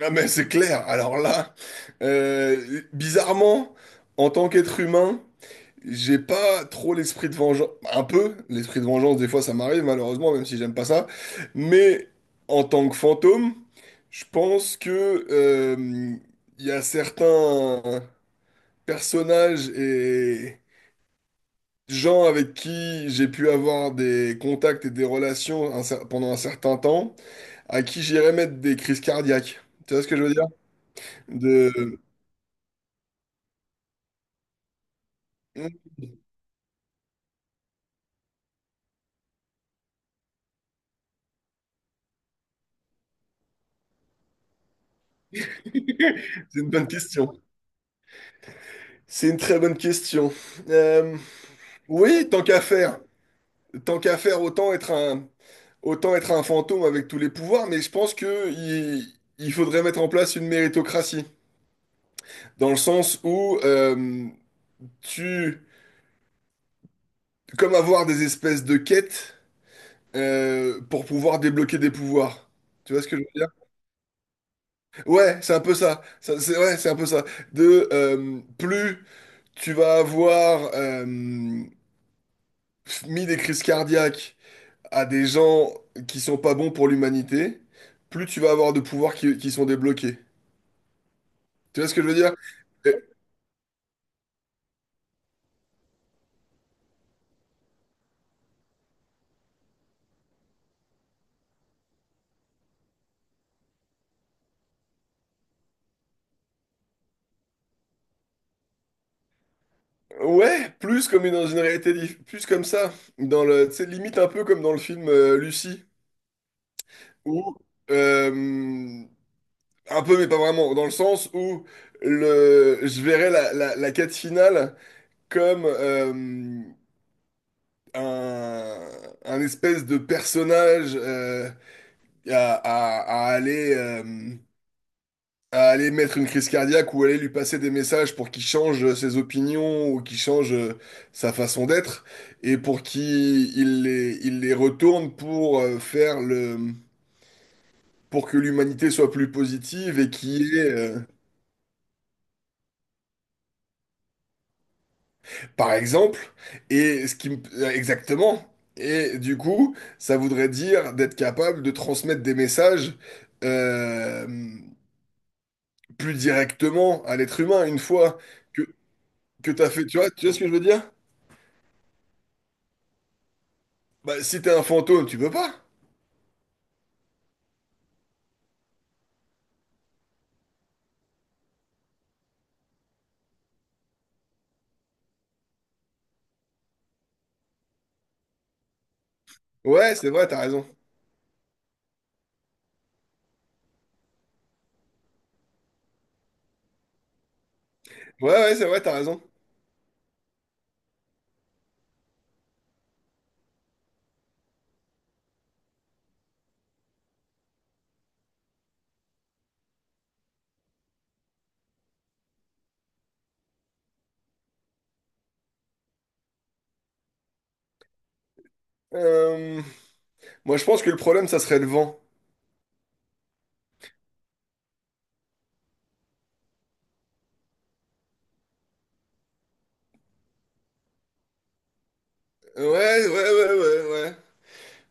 Ah mais c'est clair. Alors là, bizarrement, en tant qu'être humain, j'ai pas trop l'esprit de vengeance. Un peu, l'esprit de vengeance, des fois ça m'arrive malheureusement, même si j'aime pas ça. Mais en tant que fantôme, je pense que euh, il y a certains personnages et gens avec qui j'ai pu avoir des contacts et des relations pendant un certain temps, à qui j'irais mettre des crises cardiaques. Tu vois ce que je veux dire? De... C'est une bonne question. C'est une très bonne question. Euh, oui, tant qu'à faire. Tant qu'à faire, autant être un fantôme avec tous les pouvoirs, mais je pense que il faudrait mettre en place une méritocratie. Dans le sens où tu. Comme avoir des espèces de quêtes pour pouvoir débloquer des pouvoirs. Tu vois ce que je veux dire? Ouais, c'est un peu ça. Ça, c'est ouais, c'est un peu ça. De plus tu vas avoir mis des crises cardiaques à des gens qui sont pas bons pour l'humanité, plus tu vas avoir de pouvoirs qui sont débloqués. Tu vois ce que je veux dire? Euh, ouais, plus comme dans une réalité, plus comme ça, dans le, tu sais, limite un peu comme dans le film Lucie, où euh, un peu mais pas vraiment, dans le sens où le, je verrais la quête finale comme un, un espèce de personnage à, à, à aller euh, à aller mettre une crise cardiaque ou aller lui passer des messages pour qu'il change ses opinions ou qu'il change sa façon d'être et pour qu'il il les retourne pour faire le pour que l'humanité soit plus positive et qu'il y ait, par exemple, et ce qui me- exactement. Et du coup, ça voudrait dire d'être capable de transmettre des messages euh, plus directement à l'être humain une fois que, que tu as fait, tu vois ce que je veux dire? Bah, si t'es un fantôme, tu peux pas. Ouais, c'est vrai, t'as raison. Ouais, ouais, c'est vrai, t'as raison. Euh, Moi, je pense que le problème, ça serait le vent. Ouais, ouais, ouais, ouais, ouais.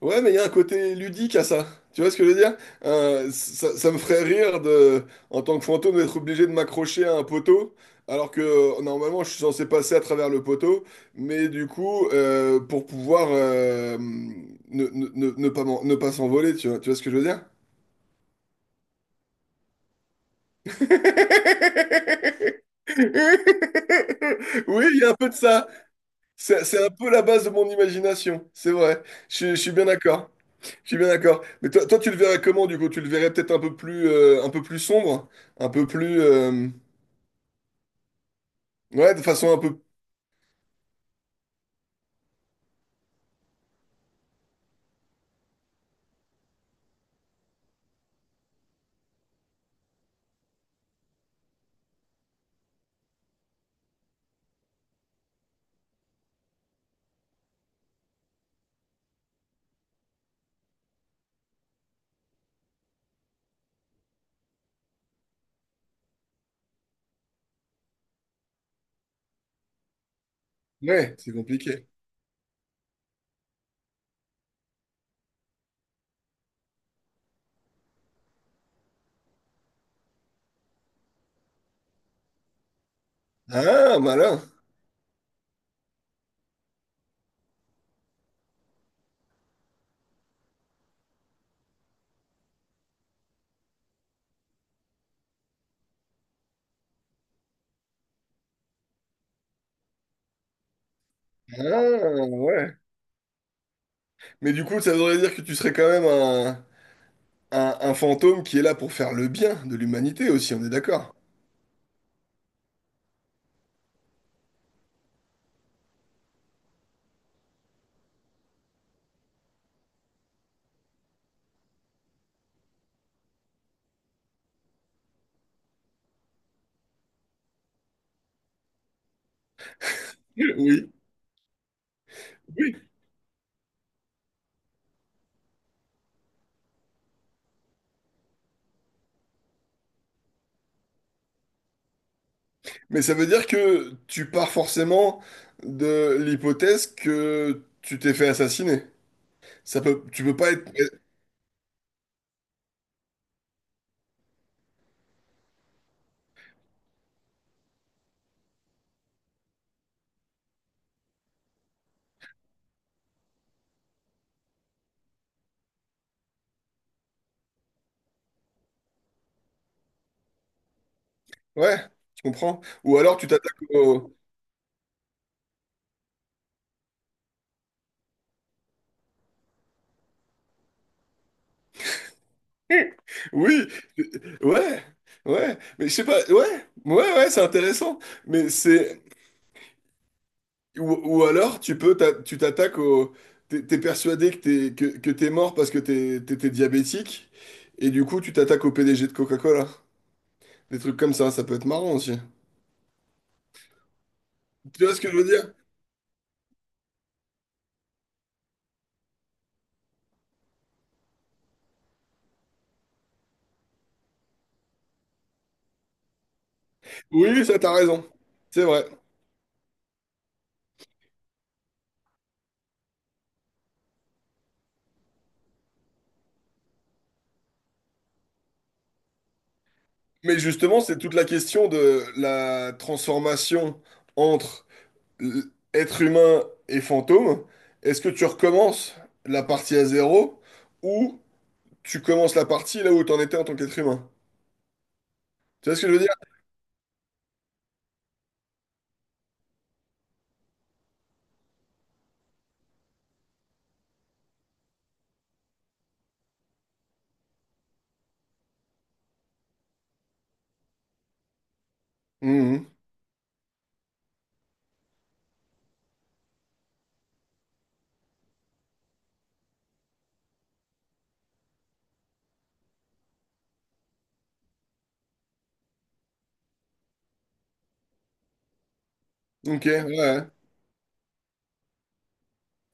Ouais, mais il y a un côté ludique à ça. Tu vois ce que je veux dire? Ça, ça me ferait rire de, en tant que fantôme, d'être obligé de m'accrocher à un poteau, alors que normalement, je suis censé passer à travers le poteau. Mais du coup, pour pouvoir ne pas ne pas s'envoler, tu vois ce que je veux dire? Oui, il y a un peu de ça. C'est un peu la base de mon imagination, c'est vrai. Je suis bien d'accord. Je suis bien d'accord. Mais toi, tu le verrais comment, du coup? Tu le verrais peut-être un peu plus sombre, un peu plus, ouais, de façon un peu. Ouais, c'est compliqué. Ah, malin. Ah, ouais. Mais du coup, ça voudrait dire que tu serais quand même un fantôme qui est là pour faire le bien de l'humanité aussi. On est d'accord? Oui, oui. Mais ça veut dire que tu pars forcément de l'hypothèse que tu t'es fait assassiner. Ça peut, tu peux pas être. Ouais, je comprends. Ou alors tu t'attaques au. Oui, ouais, ouais. Mais je sais pas. Ouais, ouais, ouais, c'est intéressant. Mais c'est. Ou, ou alors tu peux, tu t'attaques au. T'es persuadé que t'es mort parce que t'étais diabétique et du coup tu t'attaques au PDG de Coca-Cola. Des trucs comme ça peut être marrant aussi. Tu vois ce que je veux dire? Oui, ça, t'as raison. C'est vrai. Mais justement, c'est toute la question de la transformation entre l- être humain et fantôme. Est-ce que tu recommences la partie à zéro ou tu commences la partie là où t'en étais en tant qu'être humain? Tu vois ce que je veux dire? Mhm. Ok, ouais. Ouais.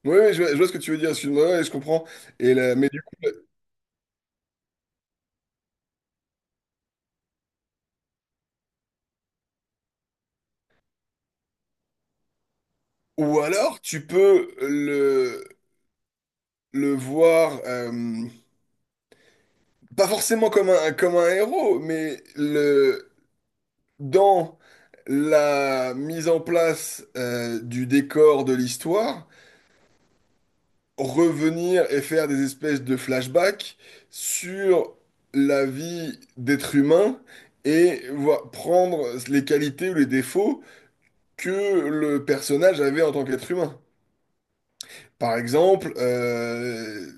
Oui, oui, je vois ce que tu veux dire. Excuse-moi, ouais, je comprends. Et mais du coup, ou alors, tu peux le voir, pas forcément comme un héros, mais le, dans la mise en place du décor de l'histoire, revenir et faire des espèces de flashbacks sur la vie d'être humain et prendre les qualités ou les défauts que le personnage avait en tant qu'être humain. Par exemple,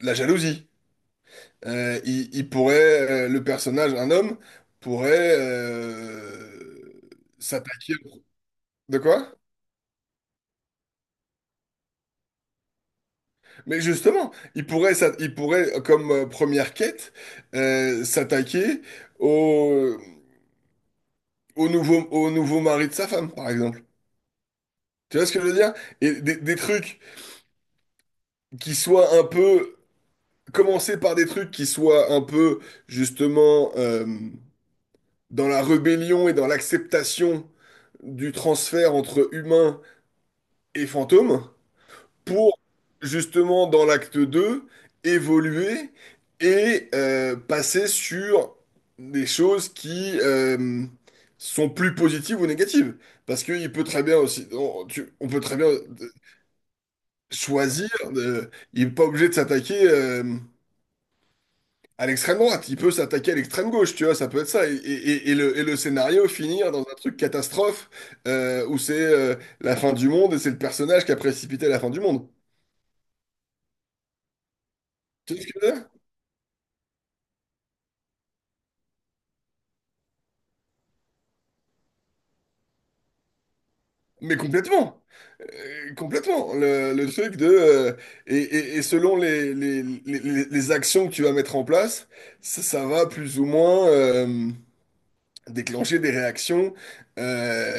la jalousie. Il il pourrait, le personnage, un homme, pourrait s'attaquer. De quoi? Mais justement, il pourrait, il pourrait comme première quête, s'attaquer au, au au nouveau mari de sa femme, par exemple. Tu vois ce que je veux dire? Et des trucs qui soient un peu... Commencer par des trucs qui soient un peu, justement, dans la rébellion et dans l'acceptation du transfert entre humains et fantômes, pour justement dans l'acte 2 évoluer et passer sur des choses qui sont plus positives ou négatives. Parce qu'il peut très bien aussi, on peut très bien choisir, il n'est pas obligé de s'attaquer à l'extrême droite, il peut s'attaquer à l'extrême gauche, tu vois, ça peut être ça. Et le scénario finir dans un truc catastrophe où c'est la fin du monde et c'est le personnage qui a précipité la fin du monde. Tu vois ce que je veux dire. Mais complètement. Complètement. Le truc de et selon les actions que tu vas mettre en place, ça va plus ou moins déclencher des réactions euh,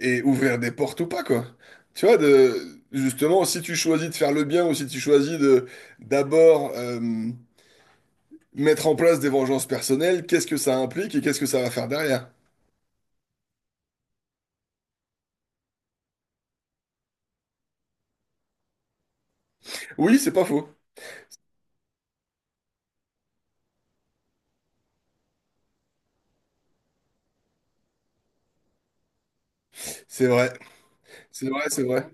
et ouvrir des portes ou pas quoi. Tu vois, de, justement, si tu choisis de faire le bien ou si tu choisis de d'abord mettre en place des vengeances personnelles, qu'est-ce que ça implique et qu'est-ce que ça va faire derrière? Oui, c'est pas faux. C'est vrai, c'est vrai, c'est vrai.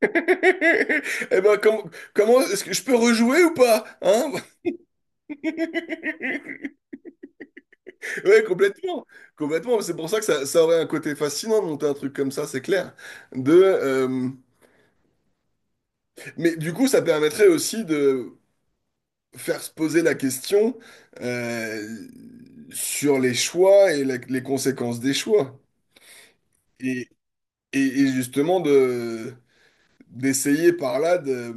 Eh ben, comment est-ce que je peux rejouer ou pas? Hein? Ouais, complètement. Complètement. C'est pour ça que ça aurait un côté fascinant de monter un truc comme ça, c'est clair. De, mais du coup, ça permettrait aussi de faire se poser la question euh, sur les choix et les conséquences des choix. Et, et justement, de, d'essayer par là de,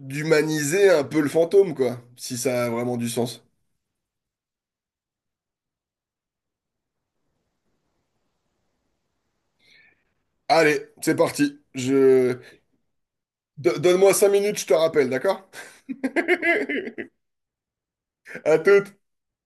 d'humaniser un peu le fantôme, quoi, si ça a vraiment du sens. Allez, c'est parti. Je... Donne-moi 5 minutes, je te rappelle, d'accord? À toutes.